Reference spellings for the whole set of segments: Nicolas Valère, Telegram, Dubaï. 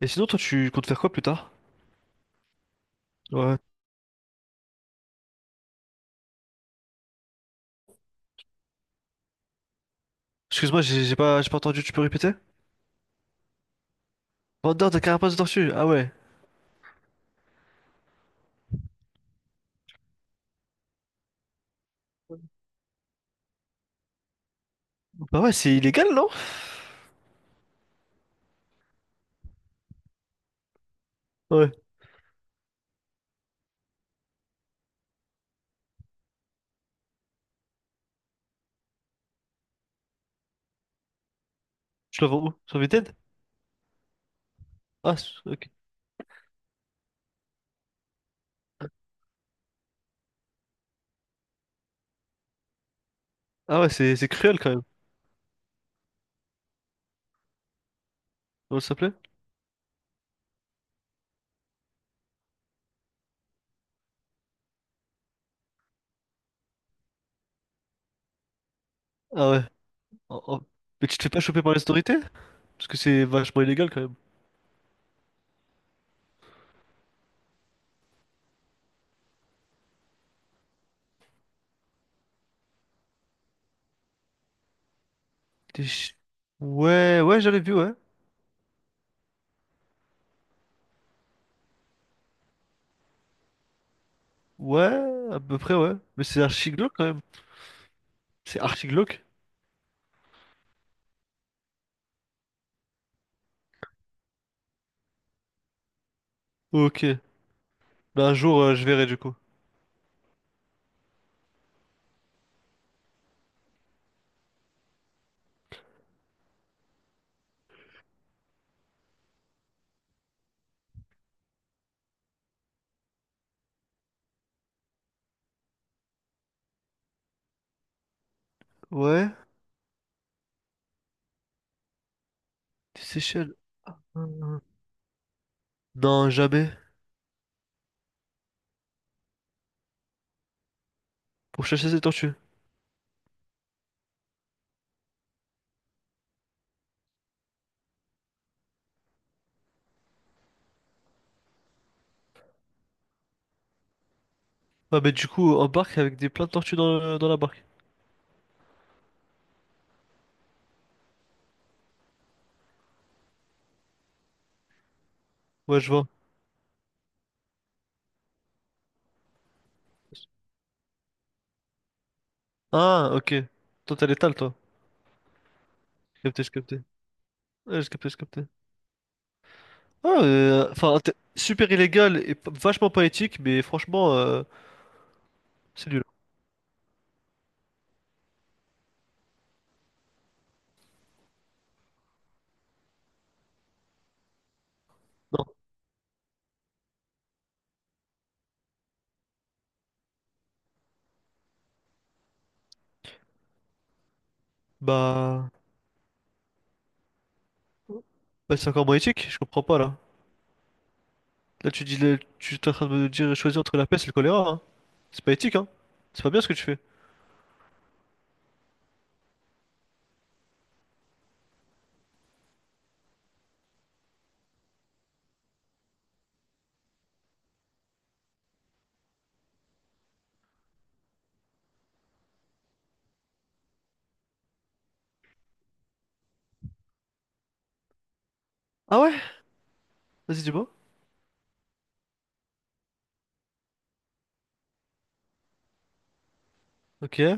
Et sinon, toi, tu comptes faire quoi plus tard? Ouais. Excuse-moi, j'ai pas entendu, tu peux répéter? Vendeur de carapace de tortue, ah ouais. Bah ouais, c'est illégal, non? Ouais. Je le vends où? Sur Vinted? Ah, ok. Ah ouais, c'est cruel quand même. Comment ça s'appelait? Ah ouais. Oh, oh. Mais tu te fais pas choper par les autorités? Parce que c'est vachement illégal quand même. T'es ch- Ouais, ouais, j'avais vu, ouais. Ouais, à peu près, ouais. Mais c'est archi glauque quand même. C'est archi glauque? Ok. Bah un jour, je verrai du coup. Ouais, des Seychelles. Hum, hum. Non, jamais. Pour chasser ces tortues. Ah, mais du coup, en barque avec des plein de tortues dans, dans la barque. Ouais, je vois. Ah, ok. Toi, t'as l'étale, toi. J'ai capté, j'ai capté. Ouais, j'ai capté, j'ai capté. Ah, enfin, super illégal et vachement pas éthique, mais franchement, c'est nul. Non. Bah, bah, c'est encore moins éthique, je comprends pas, là. Là, tu dis, tu es en train de me dire choisir entre la peste et le choléra, hein. C'est pas éthique, hein. C'est pas bien ce que tu fais. Ah ouais? Vas-y, dis-moi. Ok. Mais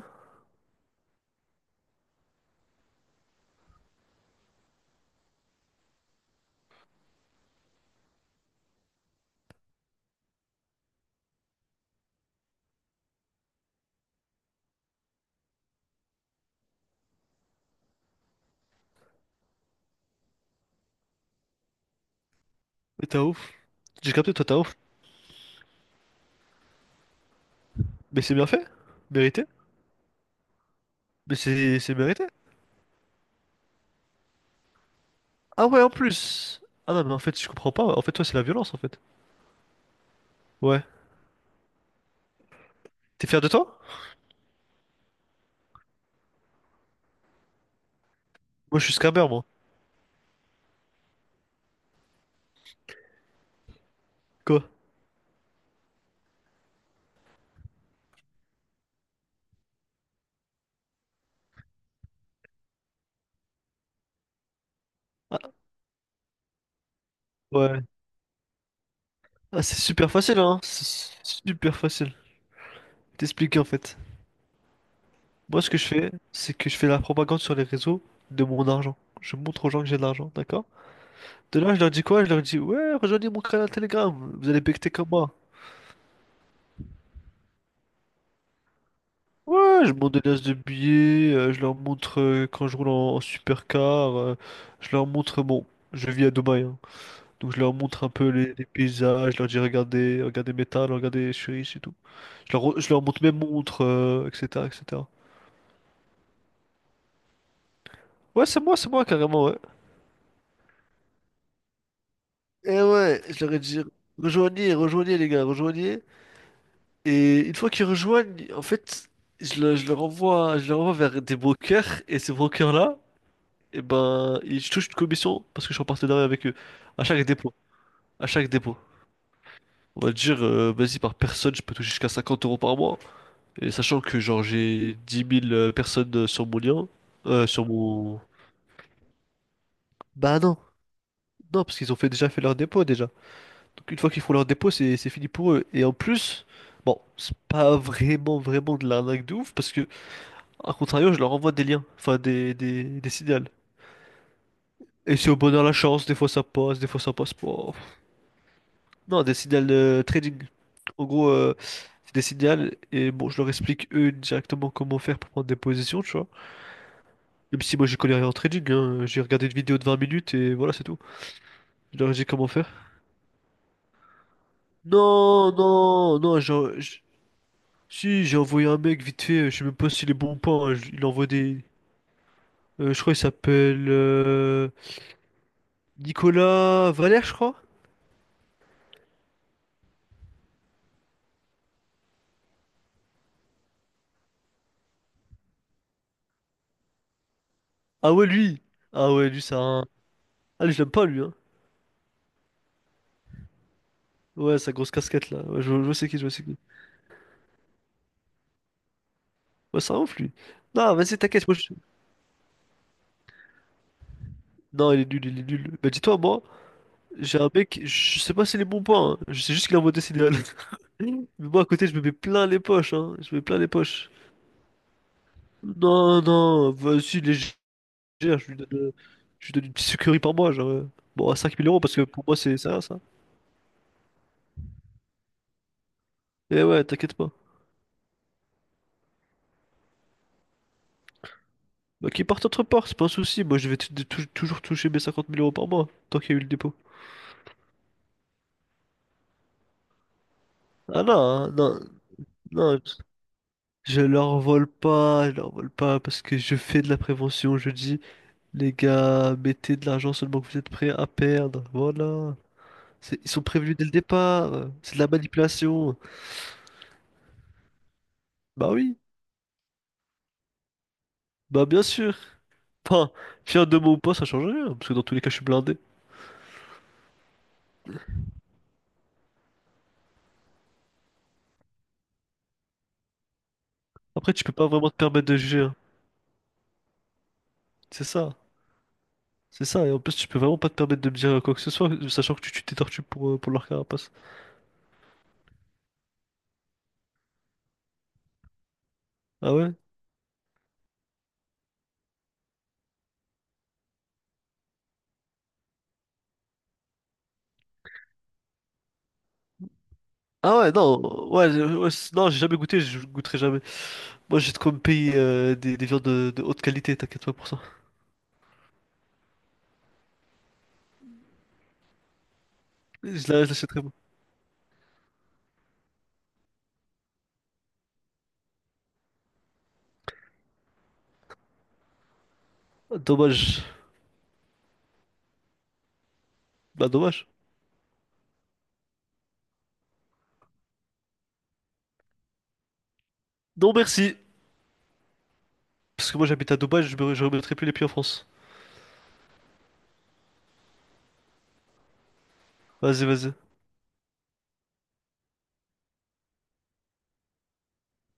t'as ouf. J'ai capté, toi, t'as ouf. Mais c'est bien fait. Mérité. Mais c'est mérité. Ah ouais, en plus. Ah non, mais en fait, je comprends pas. En fait, toi, c'est la violence, en fait. Ouais. T'es fier de toi? Moi, je suis scammer, moi. Quoi? Ah, ouais. Ah, c'est super facile, hein. C'est super facile. Je T'expliquer, en fait. Moi, ce que je fais, c'est que je fais la propagande sur les réseaux de mon argent. Je montre aux gens que j'ai de l'argent, d'accord? De là, je leur dis quoi? Je leur dis, ouais, rejoignez mon canal Telegram. Vous allez becquer comme moi. Ouais, je monte des liasses de billets. Je leur montre quand je roule en supercar. Je leur montre, bon, je vis à Dubaï, hein. Donc je leur montre un peu les paysages, je leur dis regardez, regardez mes talents, regardez, je suis riche et tout. Je leur montre mes montres, etc., etc. Ouais, c'est moi carrément, ouais. Et ouais, je leur ai dit rejoignez, rejoignez les gars, rejoignez. Et une fois qu'ils rejoignent, en fait, je leur envoie vers des brokers et ces brokers-là, et ben, ils touchent une commission parce que je suis en partenariat avec eux à chaque dépôt, à chaque dépôt. On va dire, vas-y, par personne, je peux toucher jusqu'à 50 euros par mois. Et sachant que genre j'ai 10 000 personnes sur mon lien, sur mon... Bah non, non, parce qu'ils ont fait, déjà fait leur dépôt déjà. Donc une fois qu'ils font leur dépôt, c'est fini pour eux. Et en plus, bon, c'est pas vraiment, vraiment de l'arnaque de ouf, parce que, à contrario, je leur envoie des liens, enfin des signals. Et c'est au bonheur la chance, des fois ça passe, des fois ça passe pas. Non, des signals trading. En gros, c'est des signals, et bon, je leur explique eux directement comment faire pour prendre des positions, tu vois. Même si moi j'y connais rien en trading, hein, j'ai regardé une vidéo de 20 minutes et voilà, c'est tout. Je leur ai dit comment faire. Non, non, non, si j'ai envoyé un mec vite fait, je sais même pas s'il est bon ou pas, hein, il envoie des... Je crois il s'appelle Nicolas Valère, je crois. Ah ouais, lui! Ah ouais, lui, Ah, lui, je l'aime pas, lui, hein. Ouais, sa grosse casquette, là. Ouais, je sais qui, je sais qui. Ouais, c'est un ouf, lui. Non, vas-y, t'inquiète, moi, je... Non, il est nul, il est nul. Bah dis-toi, moi... J'ai un mec, je sais pas si les bons points, hein. Je sais juste qu'il a un modèle idéal. Mais moi à côté, je me mets plein les poches, hein. Je me mets plein les poches. Non, non, vas-y, légère, je lui donne, euh, je lui donne une petite sucrerie par mois, genre. Bon, à 5 000 euros, parce que pour moi, c'est ça, ça. Et ouais, t'inquiète pas. Bah, qu'il parte entre parts, c'est pas un souci. Moi, je vais toujours toucher mes 50 000 euros par mois, tant qu'il y a eu le dépôt. Ah non, hein, non, non, je leur vole pas, je leur vole pas, parce que je fais de la prévention, je dis. Les gars, mettez de l'argent seulement que vous êtes prêts à perdre. Voilà. Ils sont prévenus dès le départ. C'est de la manipulation. Bah oui, bah bien sûr. Enfin, fier de moi ou pas, ça change rien. Parce que dans tous les cas, je suis blindé. Après, tu peux pas vraiment te permettre de juger, hein. C'est ça. C'est ça. Et en plus, tu peux vraiment pas te permettre de me dire quoi que ce soit, sachant que tu tues tes tortues pour leur carapace. Ah ouais? Ah ouais, non. Ouais, ouais, non, j'ai jamais goûté, je goûterai jamais. Moi, j'ai de quoi me payer des viandes de haute qualité, t'inquiète pas pour ça. Je l'achèterai, moi. Dommage. Bah dommage. Non merci. Parce que moi j'habite à Dubaï, je remettrai plus les pieds en France. Vas-y, vas-y.